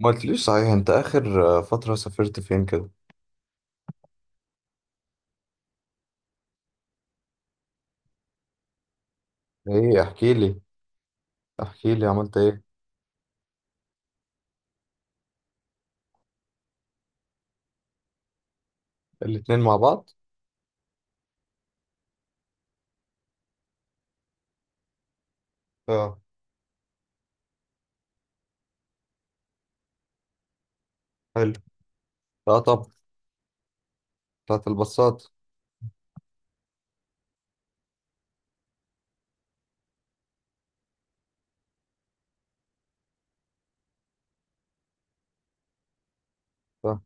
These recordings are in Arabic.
ما قلتليش، صحيح انت اخر فترة سافرت فين كده؟ ايه، احكي لي عملت ايه؟ الاتنين مع بعض؟ اه. حلو. اه طب. بتاعت الباصات. اه.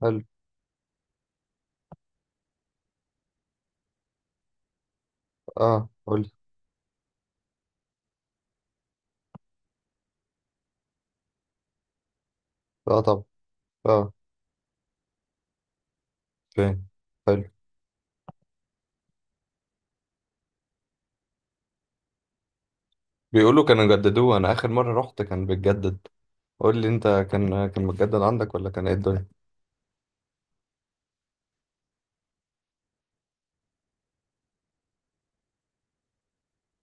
حلو. اه، قولي. اه طب. اه فين؟ حلو. بيقولوا كانوا جددوه، انا اخر مرة رحت كان بيتجدد. قول لي انت. كان متجدد عندك ولا كان ايه الدنيا؟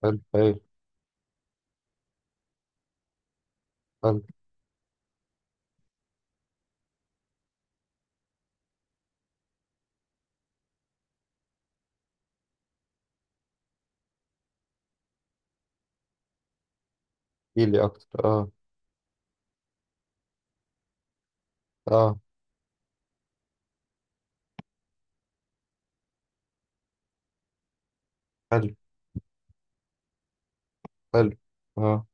حلو حلو حلو. احكي لي اكتر. اه. اه. حلو حلو. اه.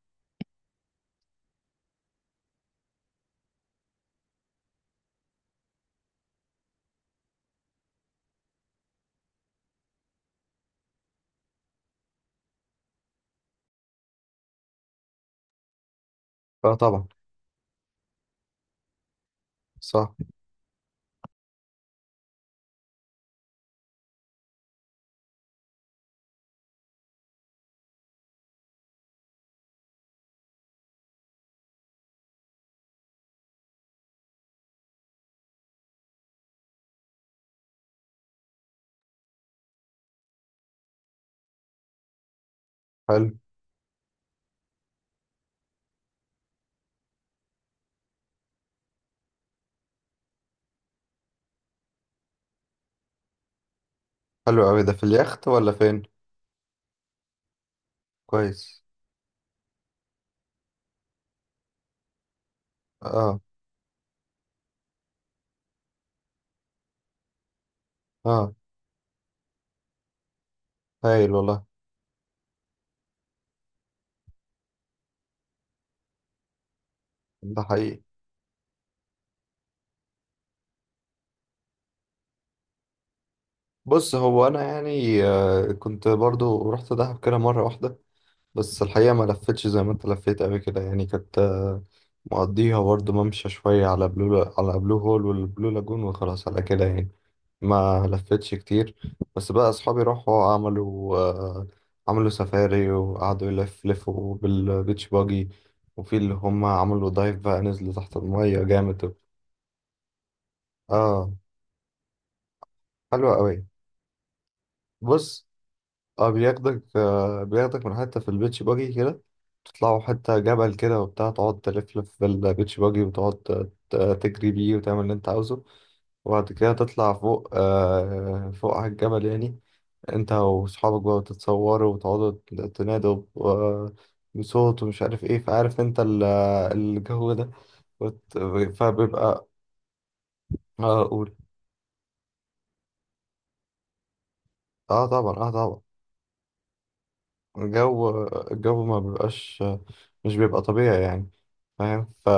اه طبعا. صح. حلو حلو قوي، ده في اليخت ولا فين؟ كويس. اه. اه هايل والله. ده حقيقي. بص، هو انا يعني كنت برضو رحت دهب كده مره واحده. بس الحقيقه ما لفتش زي ما انت لفيت قوي كده، يعني كنت مقضيها برضو ممشى شويه على بلو، على بلو هول والبلو لاجون، وخلاص على كده يعني. ما لفتش كتير، بس بقى اصحابي راحوا عملوا عملوا سفاري وقعدوا يلف لفوا بالبيتش باجي. وفي اللي هم عملوا دايف بقى، نزلوا تحت المية جامد. اه. حلوة قوي. بص، اه بياخدك من حتة في البيتش باجي كده، تطلعوا حتة جبل كده وبتاع، تقعد تلفلف بالبيتش باجي، وتقعد تجري بيه وتعمل اللي انت عاوزه. وبعد كده تطلع فوق على الجبل يعني، انت وصحابك بقى، وتتصوروا وتقعدوا تنادوا بصوت ومش عارف ايه، فعارف انت الجو ده وت- فبيبقى. اه قول. اه طبعا. اه طبعا. الجو الجو ما بيبقاش، مش بيبقى طبيعي يعني، فاهم؟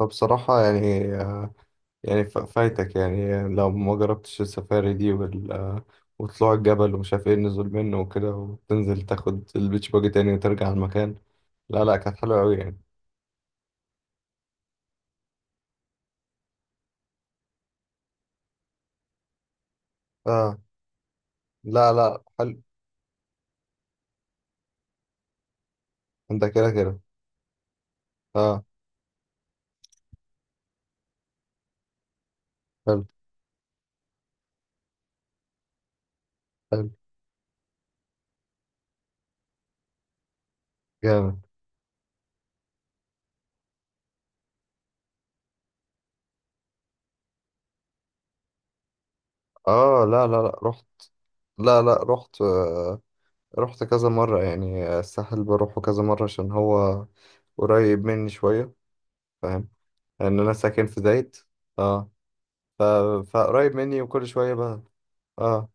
فبصراحة يعني، فايتك يعني لو ما جربتش السفاري دي وطلوع الجبل ومش عارف ايه، النزول منه وكده، وتنزل تاخد البيتش باجي تاني وترجع على المكان. لا لا، كانت حلوة أوي يعني. اه. لا لا. حلو. انت كده كده. اه. حلو حلو. جامد. اه لا لا، لا رحت. لا لا، رحت. رحت كذا مرة يعني، الساحل بروحه كذا مرة عشان هو قريب مني شوية، فاهم؟ لأن أنا ساكن في زايد. اه. ف... فقريب مني، وكل شوية بقى. اه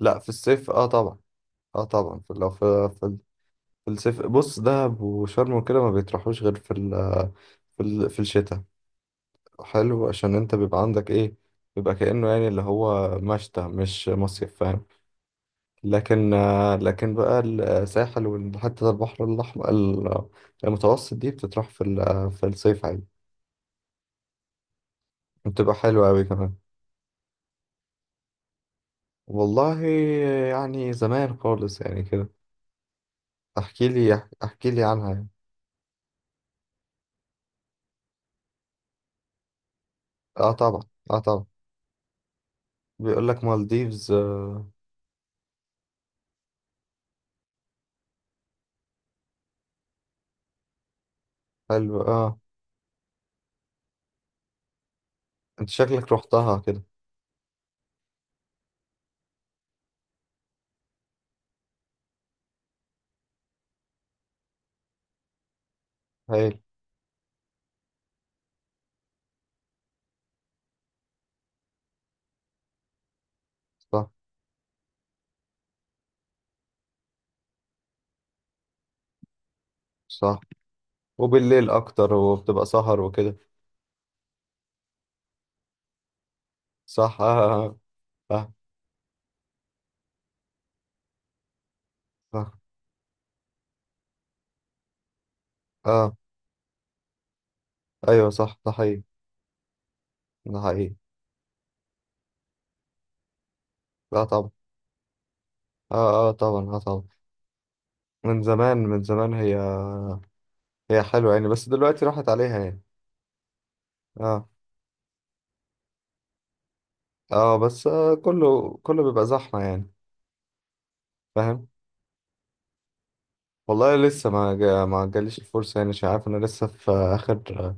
لا، في الصيف. اه طبعا. اه طبعا. في لو في, في, في الصيف بص، دهب وشرم وكده ما بيطرحوش غير في في الشتاء. حلو، عشان انت بيبقى عندك ايه، بيبقى كأنه يعني اللي هو مشتى مش مصيف، فاهم؟ لكن لكن بقى الساحل، وحتى البحر الأحمر المتوسط دي بتطرح في الصيف عادي. بتبقى حلوة أوي كمان. والله يعني زمان خالص يعني كده. احكي لي عنها يعني. اه طبعا. اه طبعا. بيقول لك مالديفز. آه. حلو. اه، انت شكلك رحتها كده. هايل. صح. صح، وبالليل اكتر وبتبقى سهر وكده. صح. اه. اه صح، صح. اه ايوه صح. ده حقيقي. ده حقيقي. لا طبعا. اه. اه طبعا. اه طبعا. من زمان، من زمان هي، هي حلوة يعني، بس دلوقتي راحت عليها يعني. اه. اه بس كله بيبقى زحمة يعني، فاهم. والله لسه ما جاليش الفرصة يعني، مش عارف، انا لسه في اخر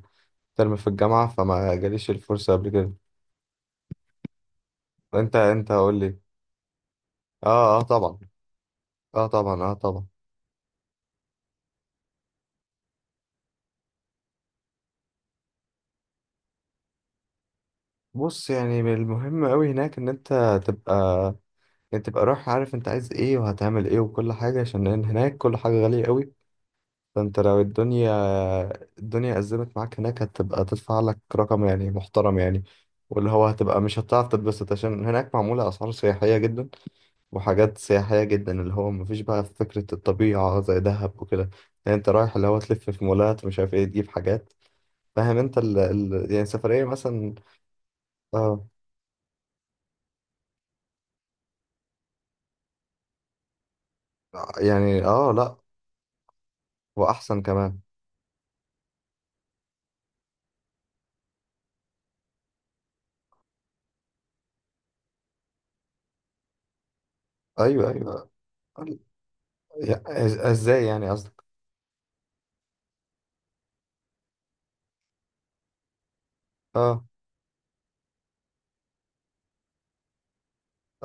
ترم في الجامعة، فما جاليش الفرصة قبل كده. انت قول لي. اه. اه طبعا. اه طبعا. اه طبعا. بص يعني، من المهم قوي هناك ان انت تبقى، يعني تبقى رايح عارف انت عايز ايه وهتعمل ايه وكل حاجة، عشان هناك كل حاجة غالية قوي. فانت لو الدنيا، الدنيا أزمت معاك هناك، هتبقى تدفع لك رقم يعني محترم يعني، واللي هو هتبقى مش هتعرف تتبسط، عشان هناك معمولة أسعار سياحية جدا وحاجات سياحية جدا، اللي هو مفيش بقى فكرة الطبيعة زي دهب وكده. يعني انت رايح اللي هو تلف في مولات مش عارف ايه، تجيب حاجات، فاهم انت يعني سفرية مثلا. اه يعني. اه لا، وأحسن كمان. أيوه أيوه. ازاي يعني قصدك؟ اه.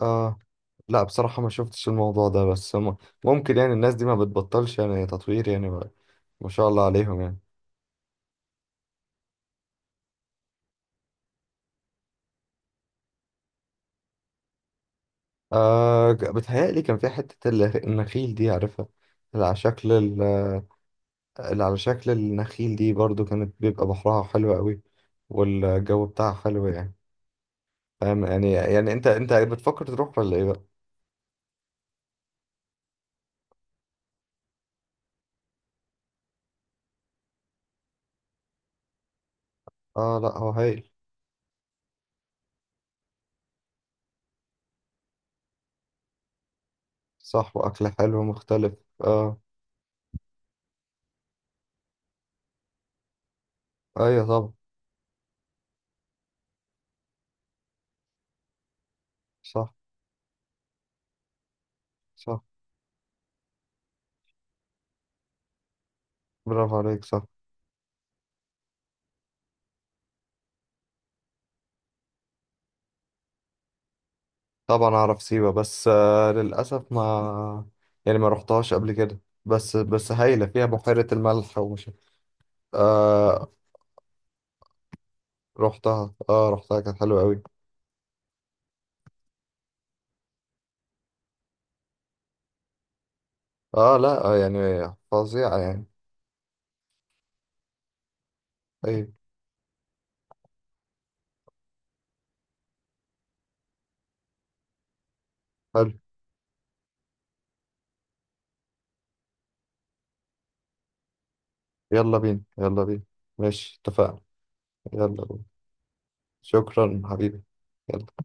اه لا بصراحة، ما شفتش الموضوع ده، بس هم ممكن يعني، الناس دي ما بتبطلش يعني تطوير يعني ما شاء الله عليهم يعني. بتهيألي كان في حتة النخيل دي، عارفها؟ اللي على شكل اللي على شكل النخيل دي، برضو كانت بيبقى بحرها حلو قوي، والجو بتاعها حلو يعني، فاهم يعني. يعني انت بتفكر تروح ولا ايه بقى؟ اه لا، هو هايل. صح، واكل حلو مختلف. اه ايوه طبعا. صح. صح، برافو عليك. صح. طبعا اعرف سيوة، بس للاسف، ما رحتهاش قبل كده. بس هايلة، فيها بحيرة الملح ومش. آه رحتها. اه كانت حلوة قوي. اه لا يعني فظيعة يعني. طيب. حلو. يلا بينا، يلا بينا. ماشي اتفقنا. يلا بينا. شكرا حبيبي. يلا.